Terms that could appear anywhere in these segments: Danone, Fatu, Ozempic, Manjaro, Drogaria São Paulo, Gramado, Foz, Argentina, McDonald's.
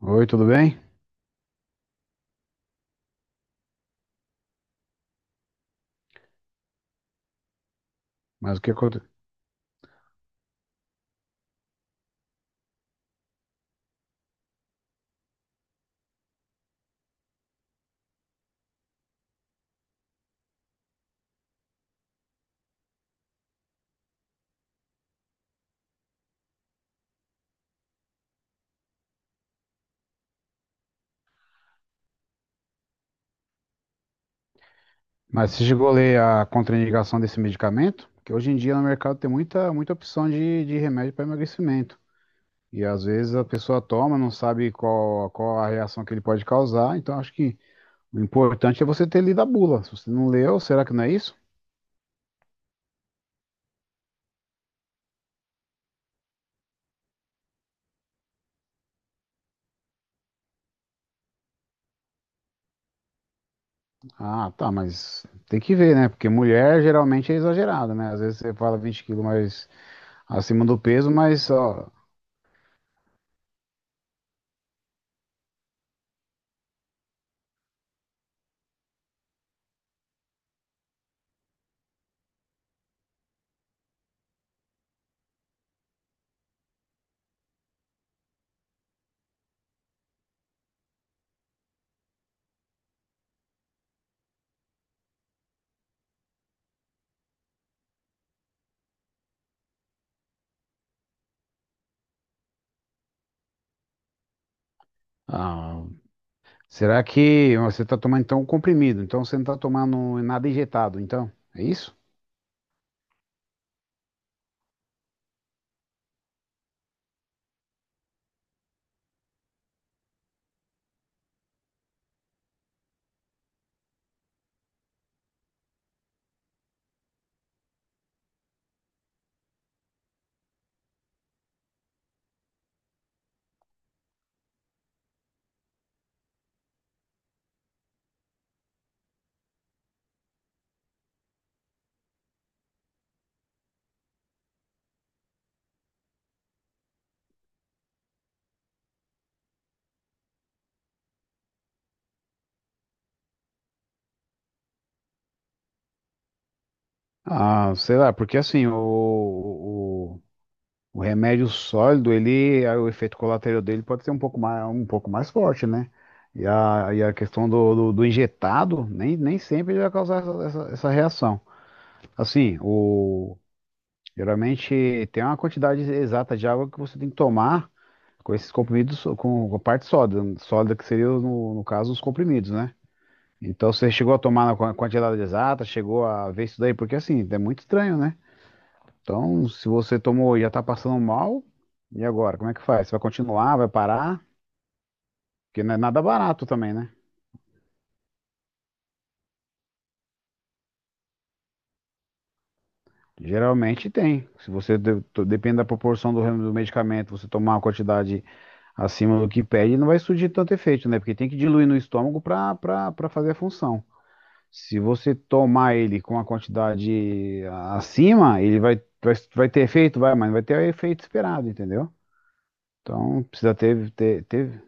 Oi, tudo bem? Mas o que aconte- Mas você chegou a ler a contraindicação desse medicamento? Porque hoje em dia no mercado tem muita, muita opção de remédio para emagrecimento. E às vezes a pessoa toma, não sabe qual, qual a reação que ele pode causar. Então acho que o importante é você ter lido a bula. Se você não leu, será que não é isso? Ah, tá, mas tem que ver, né? Porque mulher geralmente é exagerada, né? Às vezes você fala 20 quilos mais acima do peso, mas ó, ah, será que você está tomando então um comprimido? Então você não está tomando nada injetado, então? É isso? Ah, sei lá, porque assim, o remédio sólido, ele, o efeito colateral dele pode ser um pouco mais forte, né? E a questão do injetado, nem sempre ele vai causar essa reação. Assim, geralmente tem uma quantidade exata de água que você tem que tomar com esses comprimidos, com a parte sólida, sólida que seria, no caso, os comprimidos, né? Então você chegou a tomar na quantidade exata, chegou a ver isso daí, porque assim, é muito estranho, né? Então, se você tomou e já tá passando mal, e agora? Como é que faz? Você vai continuar, vai parar? Porque não é nada barato também, né? Geralmente tem. Se você depende da proporção do, do medicamento, você tomar uma quantidade acima do que pede, não vai surgir tanto efeito, né? Porque tem que diluir no estômago para para fazer a função. Se você tomar ele com a quantidade acima, ele vai, vai ter efeito, vai, mas não vai ter o efeito esperado, entendeu? Então precisa ter,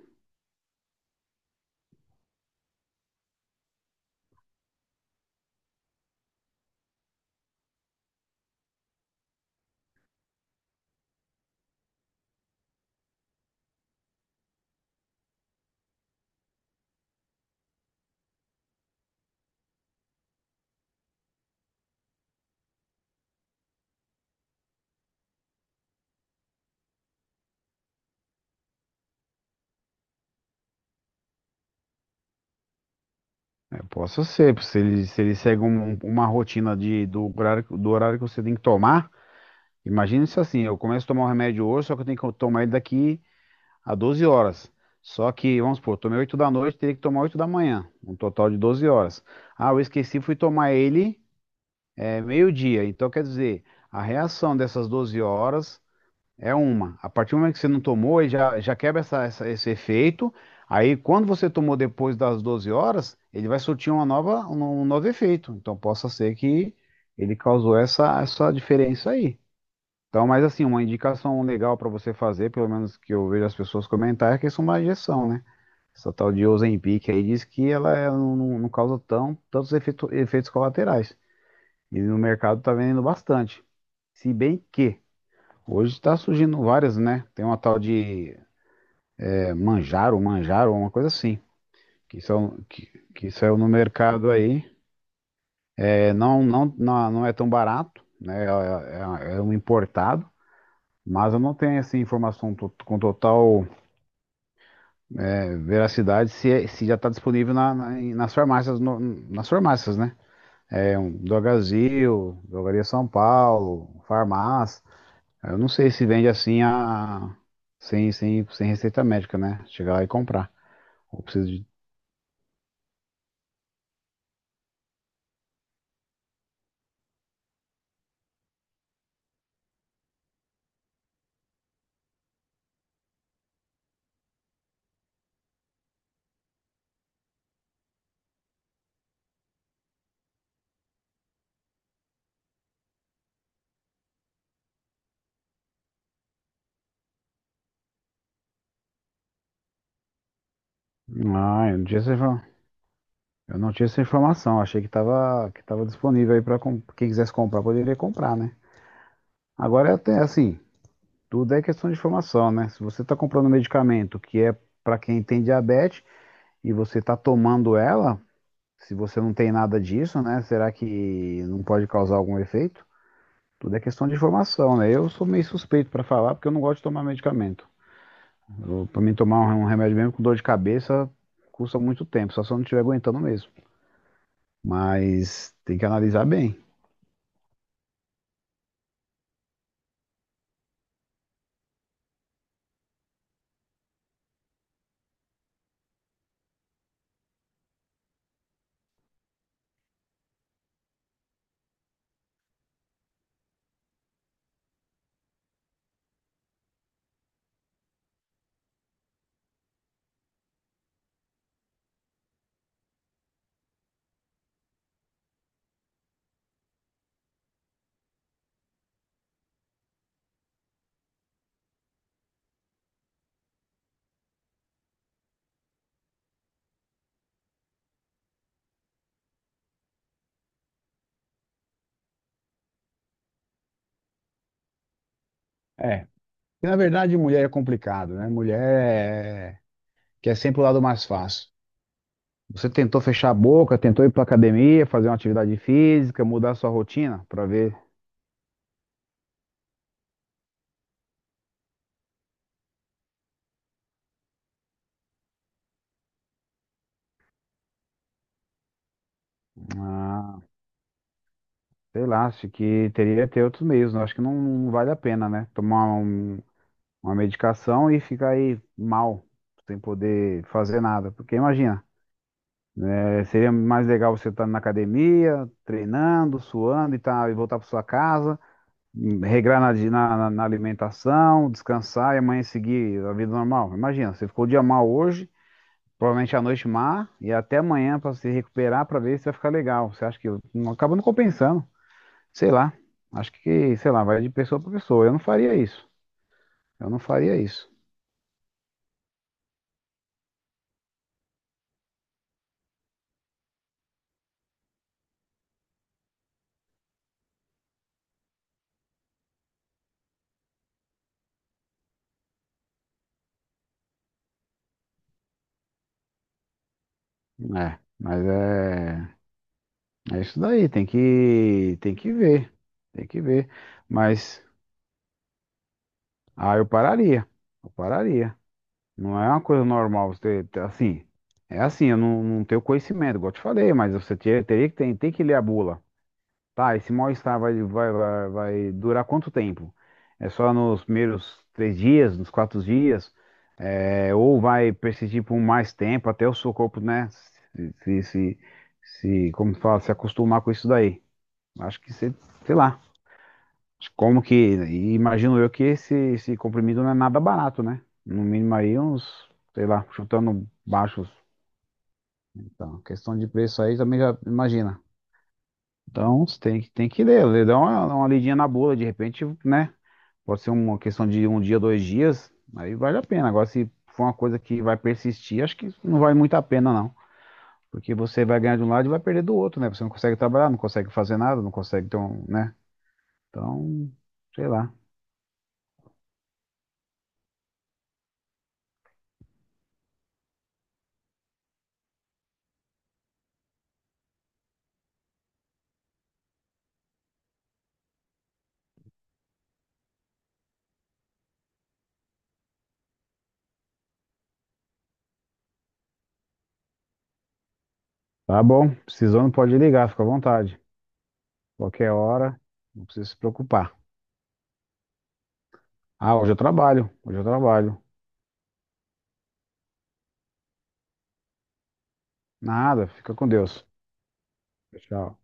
é, possa ser, se ele, se ele segue uma rotina de, do horário que você tem que tomar, imagina se assim, eu começo a tomar o remédio hoje, só que eu tenho que tomar ele daqui a 12 horas. Só que, vamos supor, eu tomei 8 da noite, teria que tomar 8 da manhã, um total de 12 horas. Ah, eu esqueci, fui tomar ele é meio-dia, então quer dizer, a reação dessas 12 horas é uma. A partir do momento que você não tomou, aí já, já quebra esse efeito. Aí, quando você tomou depois das 12 horas, ele vai surtir uma nova, um novo efeito. Então, possa ser que ele causou essa, essa diferença aí. Então, mas assim, uma indicação legal para você fazer, pelo menos que eu vejo as pessoas comentar, é que isso é uma injeção, né? Essa tal de Ozempic aí diz que ela não, não causa tão, efeitos colaterais. E no mercado tá vendendo bastante. Se bem que hoje está surgindo várias, né? Tem uma tal de manjaro, uma coisa assim, que são que, que saiu no mercado aí. É, não é tão barato, né? É, é um importado, mas eu não tenho essa assim, informação com total é, veracidade se, se já está disponível nas farmácias, nas farmácias, né? É um do Brasil, Drogaria São Paulo, farmácia. Eu não sei se vende assim a... sem receita médica, né? Chegar lá e comprar. Ou precisa de. Ah, eu não tinha essa, eu não tinha essa informação. Achei que tava disponível aí para quem quisesse comprar, poderia comprar, né? Agora é até assim, tudo é questão de informação, né? Se você tá comprando medicamento que é para quem tem diabetes e você tá tomando ela, se você não tem nada disso, né? Será que não pode causar algum efeito? Tudo é questão de informação, né? Eu sou meio suspeito para falar porque eu não gosto de tomar medicamento. Para mim tomar um remédio mesmo com dor de cabeça custa muito tempo, só se eu não estiver aguentando mesmo. Mas tem que analisar bem. É. E na verdade, mulher é complicado, né? Mulher é... quer sempre o lado mais fácil. Você tentou fechar a boca, tentou ir para academia, fazer uma atividade física, mudar a sua rotina para ver. Ah, sei lá, acho que teria que ter outros meios, né? Acho que não, não vale a pena, né? Tomar uma medicação e ficar aí mal, sem poder fazer nada. Porque imagina, é, seria mais legal você estar na academia, treinando, suando e, tá, e voltar para sua casa, regrar na, na alimentação, descansar e amanhã seguir a vida normal. Imagina, você ficou o dia mal hoje, provavelmente a noite má, e até amanhã para se recuperar para ver se vai ficar legal. Você acha que acaba não compensando? Sei lá. Acho que, sei lá, vai de pessoa para pessoa. Eu não faria isso. É, mas é, é isso daí, tem que ver, tem que ver. Mas Ah, eu pararia. Eu pararia. Não é uma coisa normal você ter, assim. É assim, eu não, não tenho conhecimento, igual eu te falei, mas você teria que tem, tem que ler a bula. Tá, esse mal-estar vai, vai durar quanto tempo? É só nos primeiros 3 dias, nos 4 dias? É, ou vai persistir por mais tempo até o seu corpo, né? Como se fala, se acostumar com isso daí. Acho que você, sei lá. Como que. E imagino eu que esse comprimido não é nada barato, né? No mínimo aí uns, sei lá, chutando baixos. Então, questão de preço aí também já imagina. Então, você tem, tem que ler, ler, dar uma lidinha na bula, de repente, né? Pode ser uma questão de um dia, 2 dias, aí vale a pena. Agora, se for uma coisa que vai persistir, acho que não vale muito a pena, não. Porque você vai ganhar de um lado e vai perder do outro, né? Você não consegue trabalhar, não consegue fazer nada, não consegue ter um, né? Então, sei lá. Tá bom, precisando pode ligar, fica à vontade. Qualquer hora, não precisa se preocupar. Ah, hoje eu trabalho, hoje eu trabalho. Nada, fica com Deus. Tchau.